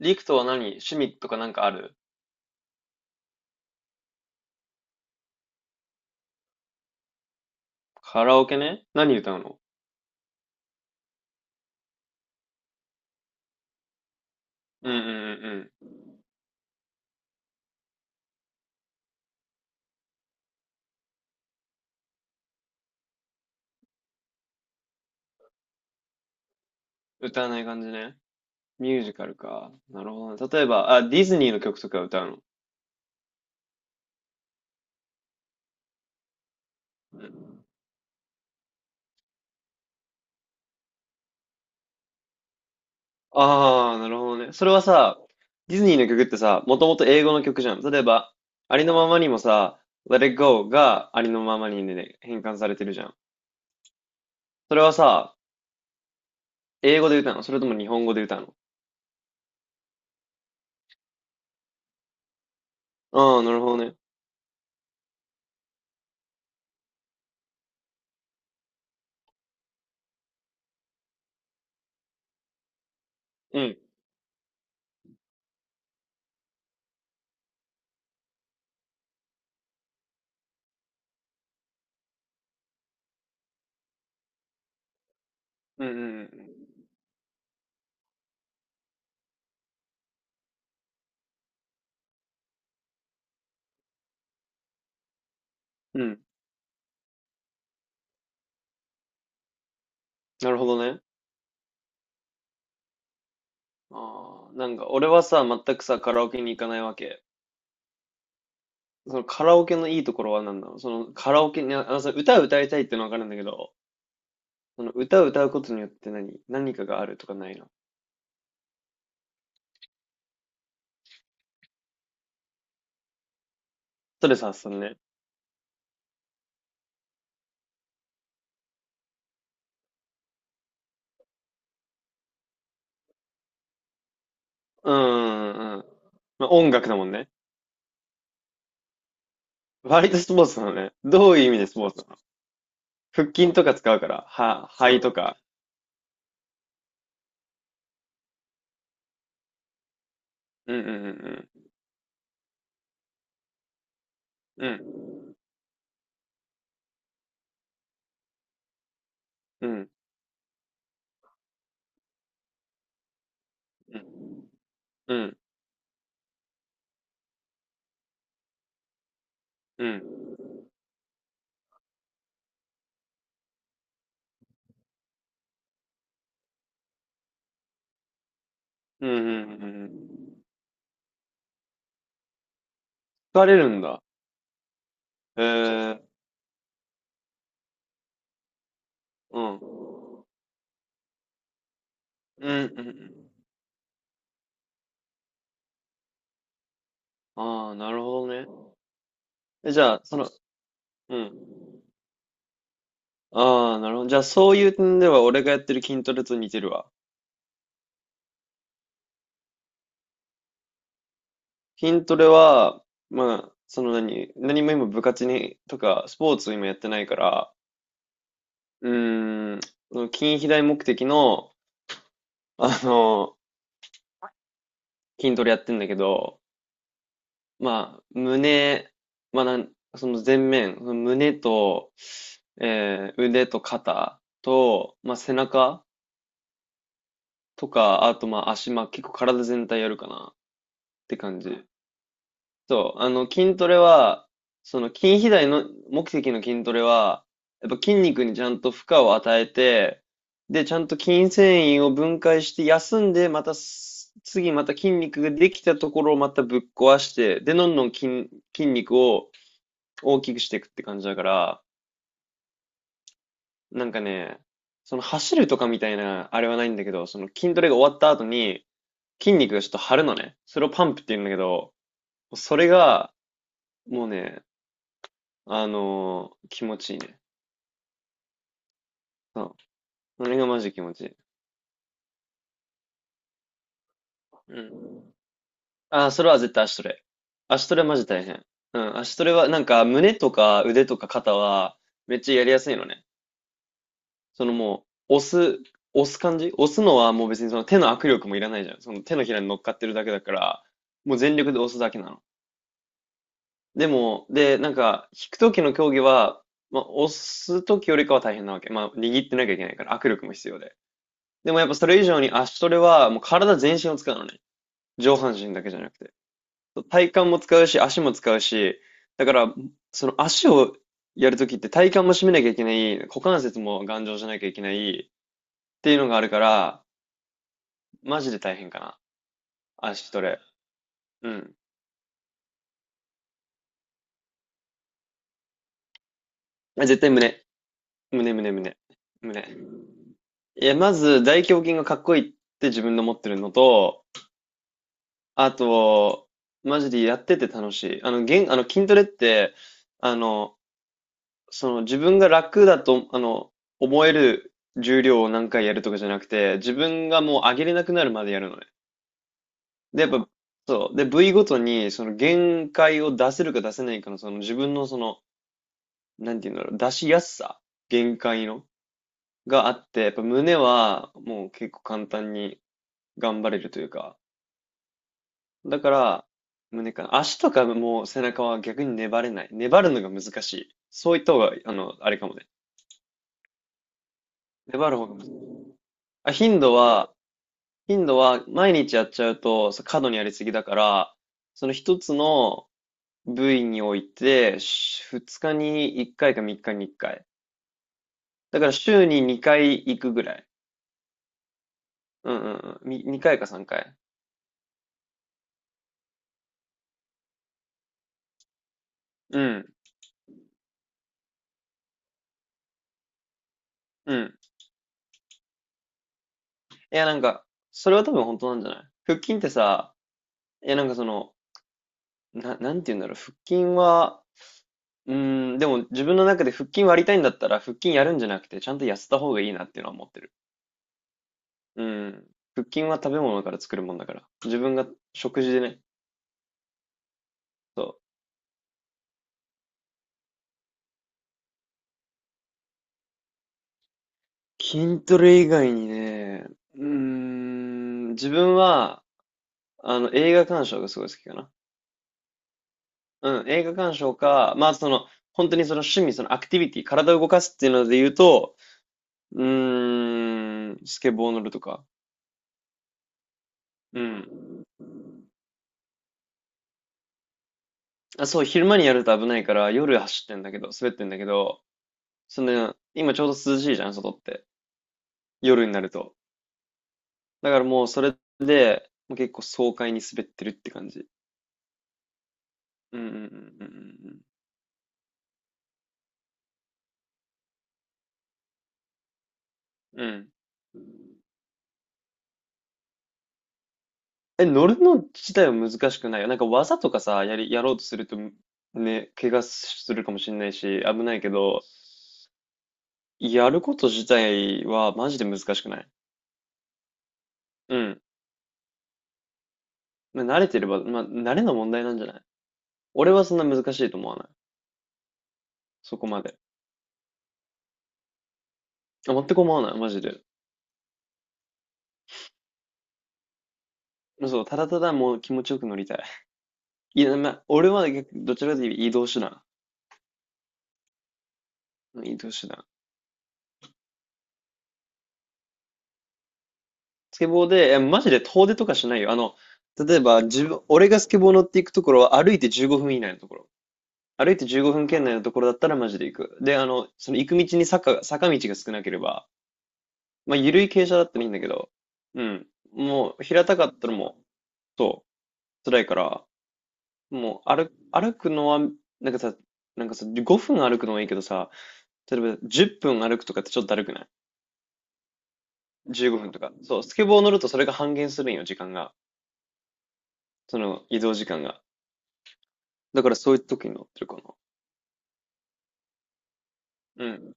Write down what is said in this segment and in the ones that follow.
リクトは何趣味とかなんかある？カラオケね、何歌うの？うんうんうんうん。歌わない感じね。ミュージカルか。なるほどね。例えば、あ、ディズニーの曲とか歌うの？うん。ああ、なるほどね。それはさ、ディズニーの曲ってさ、もともと英語の曲じゃん。例えば、ありのままにもさ、Let It Go がありのままにで変換されてるじゃん。それはさ、英語で歌うの、それとも日本語で歌うの？ああー、なるほどね。うん。うんうんうん。うん。なるほどね。ああ、なんか俺はさ、全くさ、カラオケに行かないわけ。そのカラオケのいいところは何なの？そのカラオケに、ああのさ、歌を歌いたいってのはわかるんだけど、その歌を歌うことによって何かがあるとかないの？ストレス発散ね。うんうんうん。まあ、音楽だもんね。割とスポーツなのね。どういう意味でスポーツなの？腹筋とか使うから、肺とか。うんうんうんうん。うん。うん。うん。うん。うん。うん。うんうん。疲れるんだ。えー、うん。うんうんうん。ああ、なるほどね。え、じゃあ、その、うん。ああ、なるほど。じゃあ、そういう点では、俺がやってる筋トレと似てるわ。筋トレは、まあ、その何も今部活に、とか、スポーツ今やってないから、うーん、その筋肥大目的の、あの、筋トレやってんだけど、まあ、胸、まあ、その前面、その胸と、腕と肩と、まあ、背中とか、あとまあ足、まあ、結構体全体やるかな。って感じ。そう、筋トレは、その筋肥大の目的の筋トレは、やっぱ筋肉にちゃんと負荷を与えて、で、ちゃんと筋繊維を分解して休んで、また次また筋肉ができたところをまたぶっ壊して、で、どんどん筋肉を大きくしていくって感じだから、なんかね、その走るとかみたいなあれはないんだけど、その筋トレが終わった後に筋肉がちょっと張るのね。それをパンプって言うんだけど、それがもうね、気持ちいいね。そう。あれがマジ気持ちいい。うん。ああ、それは絶対足トレ。足トレマジ大変。うん。足トレは、なんか、胸とか腕とか肩は、めっちゃやりやすいのね。そのもう、す、押す感じ、押すのはもう別にその手の握力もいらないじゃん。その手のひらに乗っかってるだけだから、もう全力で押すだけなの。でも、で、なんか、引く時の競技は、まあ、押す時よりかは大変なわけ。まあ、握ってなきゃいけないから、握力も必要で。でもやっぱそれ以上に足トレはもう体全身を使うのね。上半身だけじゃなくて。体幹も使うし、足も使うし、だから、その足をやるときって体幹も締めなきゃいけない、股関節も頑丈じゃなきゃいけないっていうのがあるから、マジで大変かな。足トレ。うん。あ、絶対胸。胸、胸、胸。胸。いや、まず大胸筋がかっこいいって自分の持ってるのと、あと、マジでやってて楽しい。あの、げん、あの筋トレって、あの、その自分が楽だと、思える重量を何回やるとかじゃなくて、自分がもう上げれなくなるまでやるのね。で、やっぱ、そう。で、部位ごとに、その限界を出せるか出せないかの、その自分のその、なんていうんだろう、出しやすさ、限界の、があって、やっぱ胸はもう結構簡単に頑張れるというか、だから、胸かな。足とかもう背中は逆に粘れない。粘るのが難しい。そういった方が、あれかもね。粘る方が難しい。あ、頻度は、毎日やっちゃうと過度にやりすぎだから、その一つの部位において、日に1回か3日に1回。だから週に2回行くぐらい。うんうんうん。み回か3回。うん。うん。いやなんか、それは多分本当なんじゃない？腹筋ってさ、いやなんかその、なんて言うんだろう。腹筋は、でも自分の中で腹筋割りたいんだったら腹筋やるんじゃなくて、ちゃんと痩せた方がいいなっていうのは思ってる。うん。腹筋は食べ物から作るもんだから。自分が食事でね。そう。筋トレ以外にね、自分は、映画鑑賞がすごい好きかな。うん、映画鑑賞か、まあ、その、本当にその趣味、そのアクティビティ、体を動かすっていうので言うと、スケボー乗るとか。うん。あ、そう、昼間にやると危ないから、夜走ってんだけど、滑ってんだけど、その、今ちょうど涼しいじゃん、外って。夜になると。だからもうそれで、もう結構爽快に滑ってるって感じ。うんうんうんうんうんうん。うん。え、乗るの自体は難しくないよ。なんか技とかさ、やろうとすると、ね、怪我するかもしれないし、危ないけど、やること自体はマジで難しくない。うん。まあ、慣れてれば、まあ、慣れの問題なんじゃない？俺はそんな難しいと思わない。そこまで。あ、全く思わない、マジで。そう、ただただもう気持ちよく乗りたい。いや、まあ、俺は逆どちらかというと移動手段。うん、移動手段。スケボーで、え、マジで遠出とかしないよ。例えば、俺がスケボー乗っていくところは歩いて15分以内のところ。歩いて15分圏内のところだったらマジで行く。で、その行く道に坂道が少なければ、まあ、緩い傾斜だったらいいんだけど、うん。もう、平たかったらもう、そう、辛いから、もう、歩くのは、なんかさ、なんかさ、5分歩くのはいいけどさ、例えば10分歩くとかってちょっとだるくない ?15 分とか。そう、スケボー乗るとそれが半減するんよ、時間が。その移動時間が。だからそういう時に乗ってるかな。うん。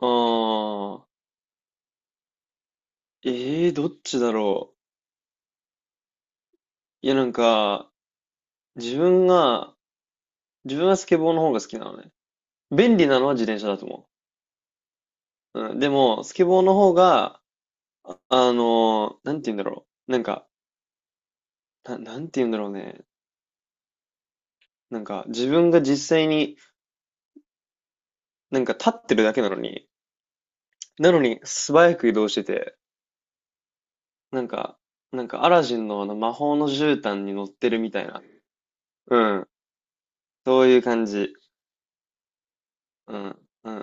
ああ、ええー、どっちだろう。いや、なんか、自分が、自分はスケボーの方が好きなのね。便利なのは自転車だと思う。うん、でも、スケボーの方が、なんて言うんだろう。なんか、なんて言うんだろうね。なんか、自分が実際に、なんか立ってるだけなのに、なのに素早く移動してて、なんか、なんかアラジンのあの魔法の絨毯に乗ってるみたいな。うん。そういう感じ。うん。うん。